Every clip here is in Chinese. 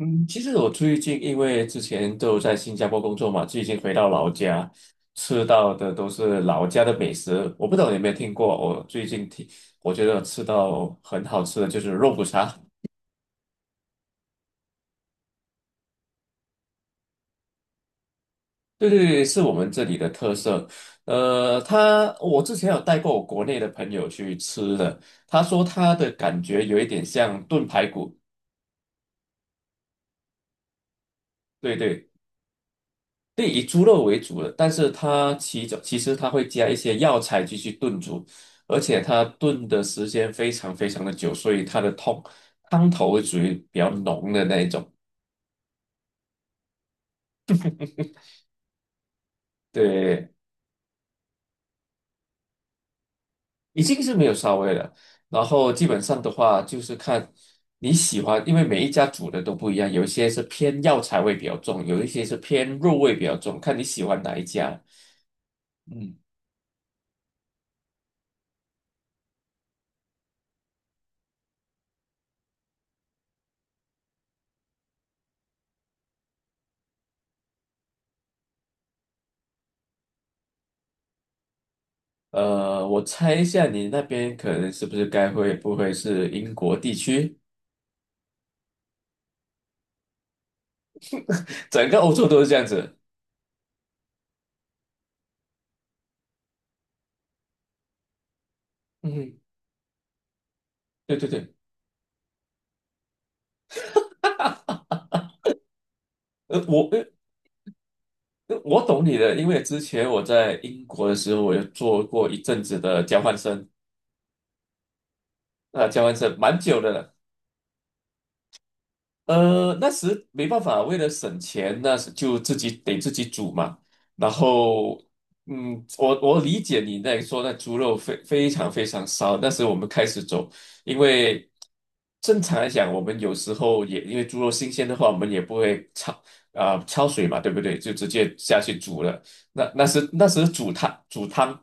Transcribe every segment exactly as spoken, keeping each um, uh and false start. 嗯，其实我最近因为之前都在新加坡工作嘛，最近回到老家，吃到的都是老家的美食。我不知道你有没有听过，我最近听，我觉得吃到很好吃的就是肉骨茶。对对对，是我们这里的特色。呃，他我之前有带过我国内的朋友去吃的，他说他的感觉有一点像炖排骨。对对，对，以猪肉为主的，但是它其中其实它会加一些药材进去炖煮，而且它炖的时间非常非常的久，所以它的汤汤头会属于比较浓的那一种。对，已经是没有骚味了。然后基本上的话，就是看你喜欢，因为每一家煮的都不一样，有一些是偏药材味比较重，有一些是偏肉味比较重，看你喜欢哪一家。嗯，呃，我猜一下，你那边可能是不是该会不会是英国地区？整个欧洲都是这样子。嗯对对对，呃，我呃呃我懂你的，因为之前我在英国的时候，我有做过一阵子的交换生，啊、交换生蛮久的了。呃，那时没办法，为了省钱，那时就自己得自己煮嘛。然后，嗯，我我理解你在说那猪肉非非常非常骚。那时我们开始走，因为正常来讲，我们有时候也因为猪肉新鲜的话，我们也不会焯啊、焯水嘛，对不对？就直接下去煮了。那那时那时煮汤煮汤，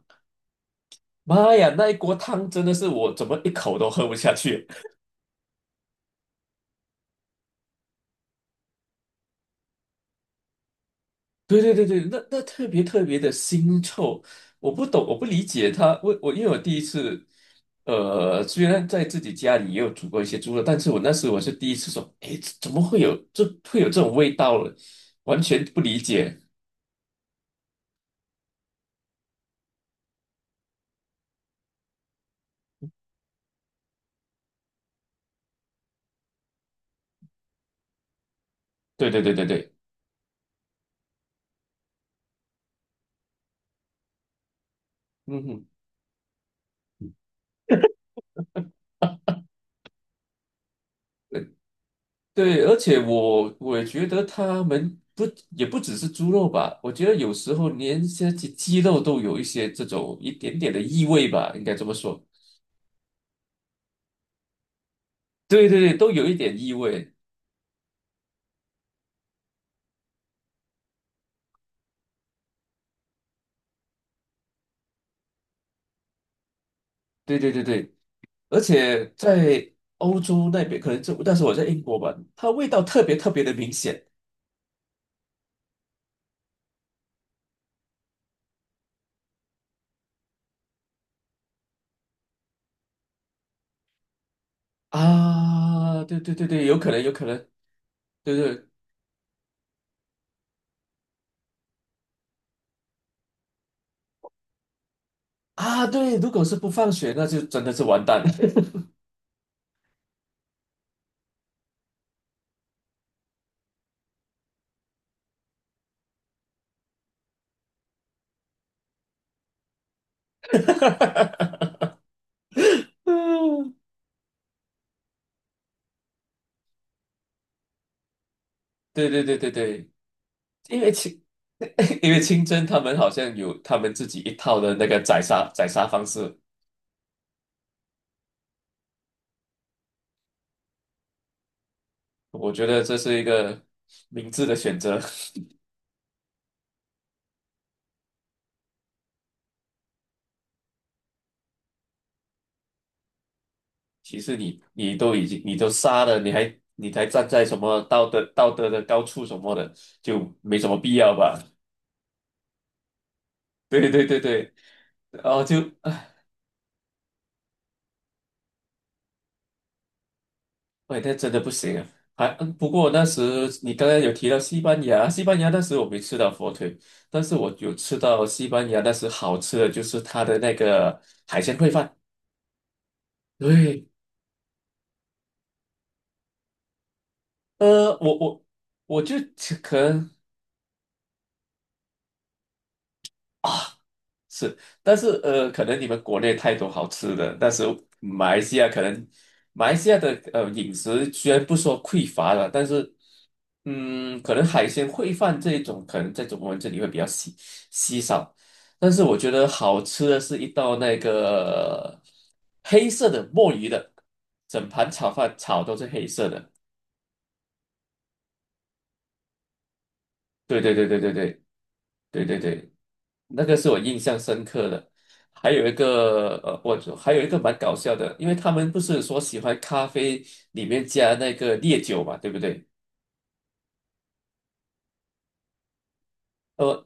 妈呀，那一锅汤真的是我怎么一口都喝不下去。对对对对，那那特别特别的腥臭，我不懂，我不理解他。我我因为我第一次，呃，虽然在自己家里也有煮过一些猪肉，但是我那时我是第一次说，哎，这怎么会有这会有这种味道了？完全不理解。对对对对对，嗯哼，呃对，而且我我觉得他们不也不只是猪肉吧，我觉得有时候连些鸡鸡肉都有一些这种一点点的异味吧，应该这么说。对对对，都有一点异味。对对对对，而且在欧洲那边，可能就但是我在英国吧，它味道特别特别的明显啊！对对对对，有可能有可能，对对啊，对，如果是不放血，那就真的是完蛋了。嗯，对对对对对，因为清 因为清真他们好像有他们自己一套的那个宰杀宰杀方式，我觉得这是一个明智的选择。其实你你都已经你都杀了，你还你还站在什么道德道德的高处什么的，就没什么必要吧？对对对对，然后就哎，喂那真的不行啊！还嗯不过那时你刚刚有提到西班牙，西班牙那时我没吃到火腿，但是我有吃到西班牙那时好吃的就是它的那个海鲜烩饭。对，呃，我我我就可能是，但是呃，可能你们国内太多好吃的，但是马来西亚可能马来西亚的呃饮食虽然不说匮乏了，但是嗯，可能海鲜烩饭这一种，可能在中国人这里会比较稀稀少。但是我觉得好吃的是一道那个黑色的墨鱼的，整盘炒饭炒都是黑色的。对对对对对对对对对。那个是我印象深刻的。还有一个呃，我还有一个蛮搞笑的，因为他们不是说喜欢咖啡里面加那个烈酒嘛，对不对？呃，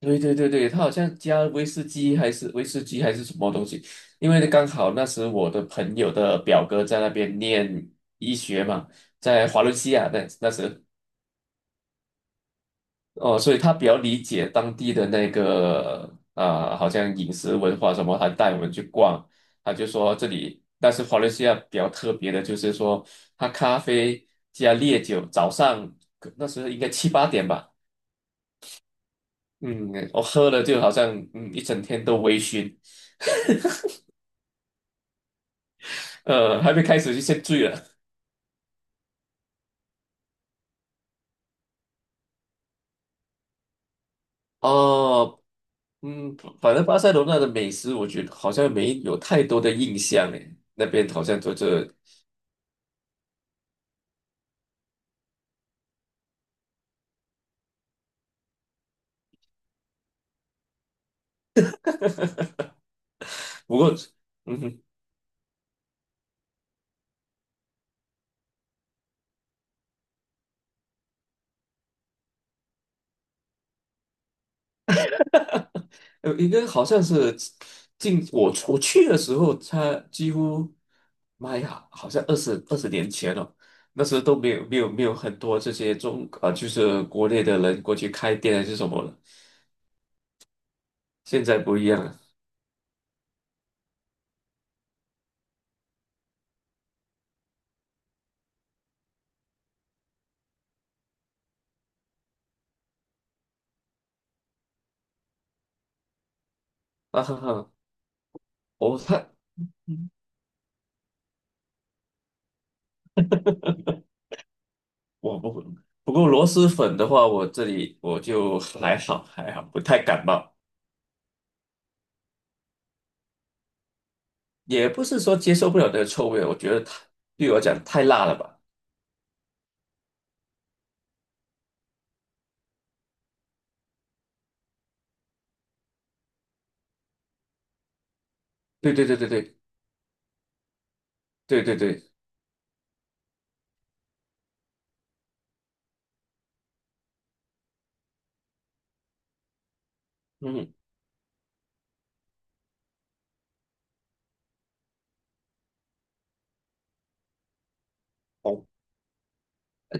对对对对，他好像加威士忌还是威士忌还是什么东西，因为刚好那时我的朋友的表哥在那边念医学嘛，在华伦西亚那那时。哦，所以他比较理解当地的那个啊、好像饮食文化什么，他带我们去逛，他就说这里，但是华伦西亚比较特别的就是说，他咖啡加烈酒，早上那时候应该七八点吧，嗯，我喝了就好像嗯一整天都微醺。呃，还没开始就先醉了。哦，嗯，反正巴塞罗那的美食，我觉得好像没有太多的印象诶，那边好像就这，不过。嗯哼呃，应该好像是进我我去的时候，他几乎，妈呀，好像二十二十年前了，那时候都没有没有没有很多这些中啊、就是国内的人过去开店还是什么的，现在不一样了，啊哈哈，我他我不不过螺蛳粉的话，我这里我就还好还好，不太感冒，也不是说接受不了那个臭味，我觉得太对我来讲太辣了吧，对对对对对对对对，嗯。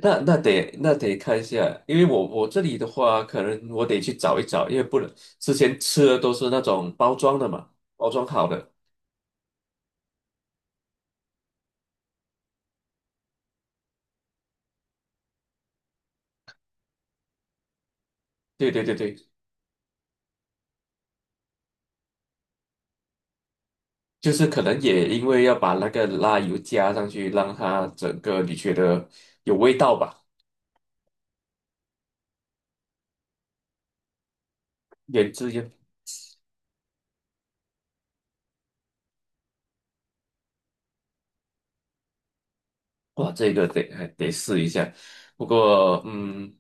那那得那得看一下，因为我我这里的话，可能我得去找一找，因为不能之前吃的都是那种包装的嘛，包装好的。对对对对，就是可能也因为要把那个辣油加上去，让它整个你觉得有味道吧，原汁原哇，这个得还得试一下。不过嗯，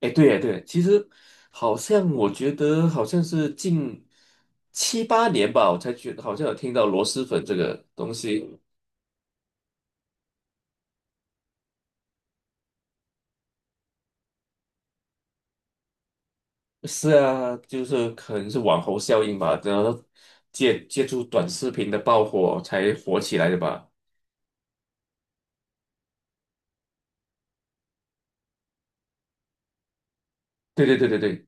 哎对呀对啊其实好像我觉得好像是近七八年吧，我才觉得好像有听到螺蛳粉这个东西。是啊，就是可能是网红效应吧，然后借借助短视频的爆火才火起来的吧。对对对对对，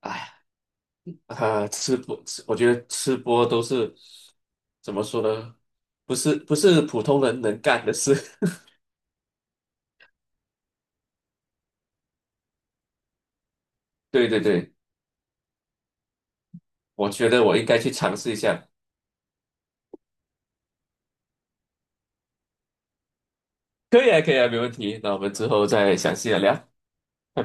哎，啊，吃播，吃我觉得吃播都是怎么说呢？不是不是普通人能干的事。对对对，我觉得我应该去尝试一下。可以啊，可以啊，没问题。那我们之后再详细的聊，拜拜。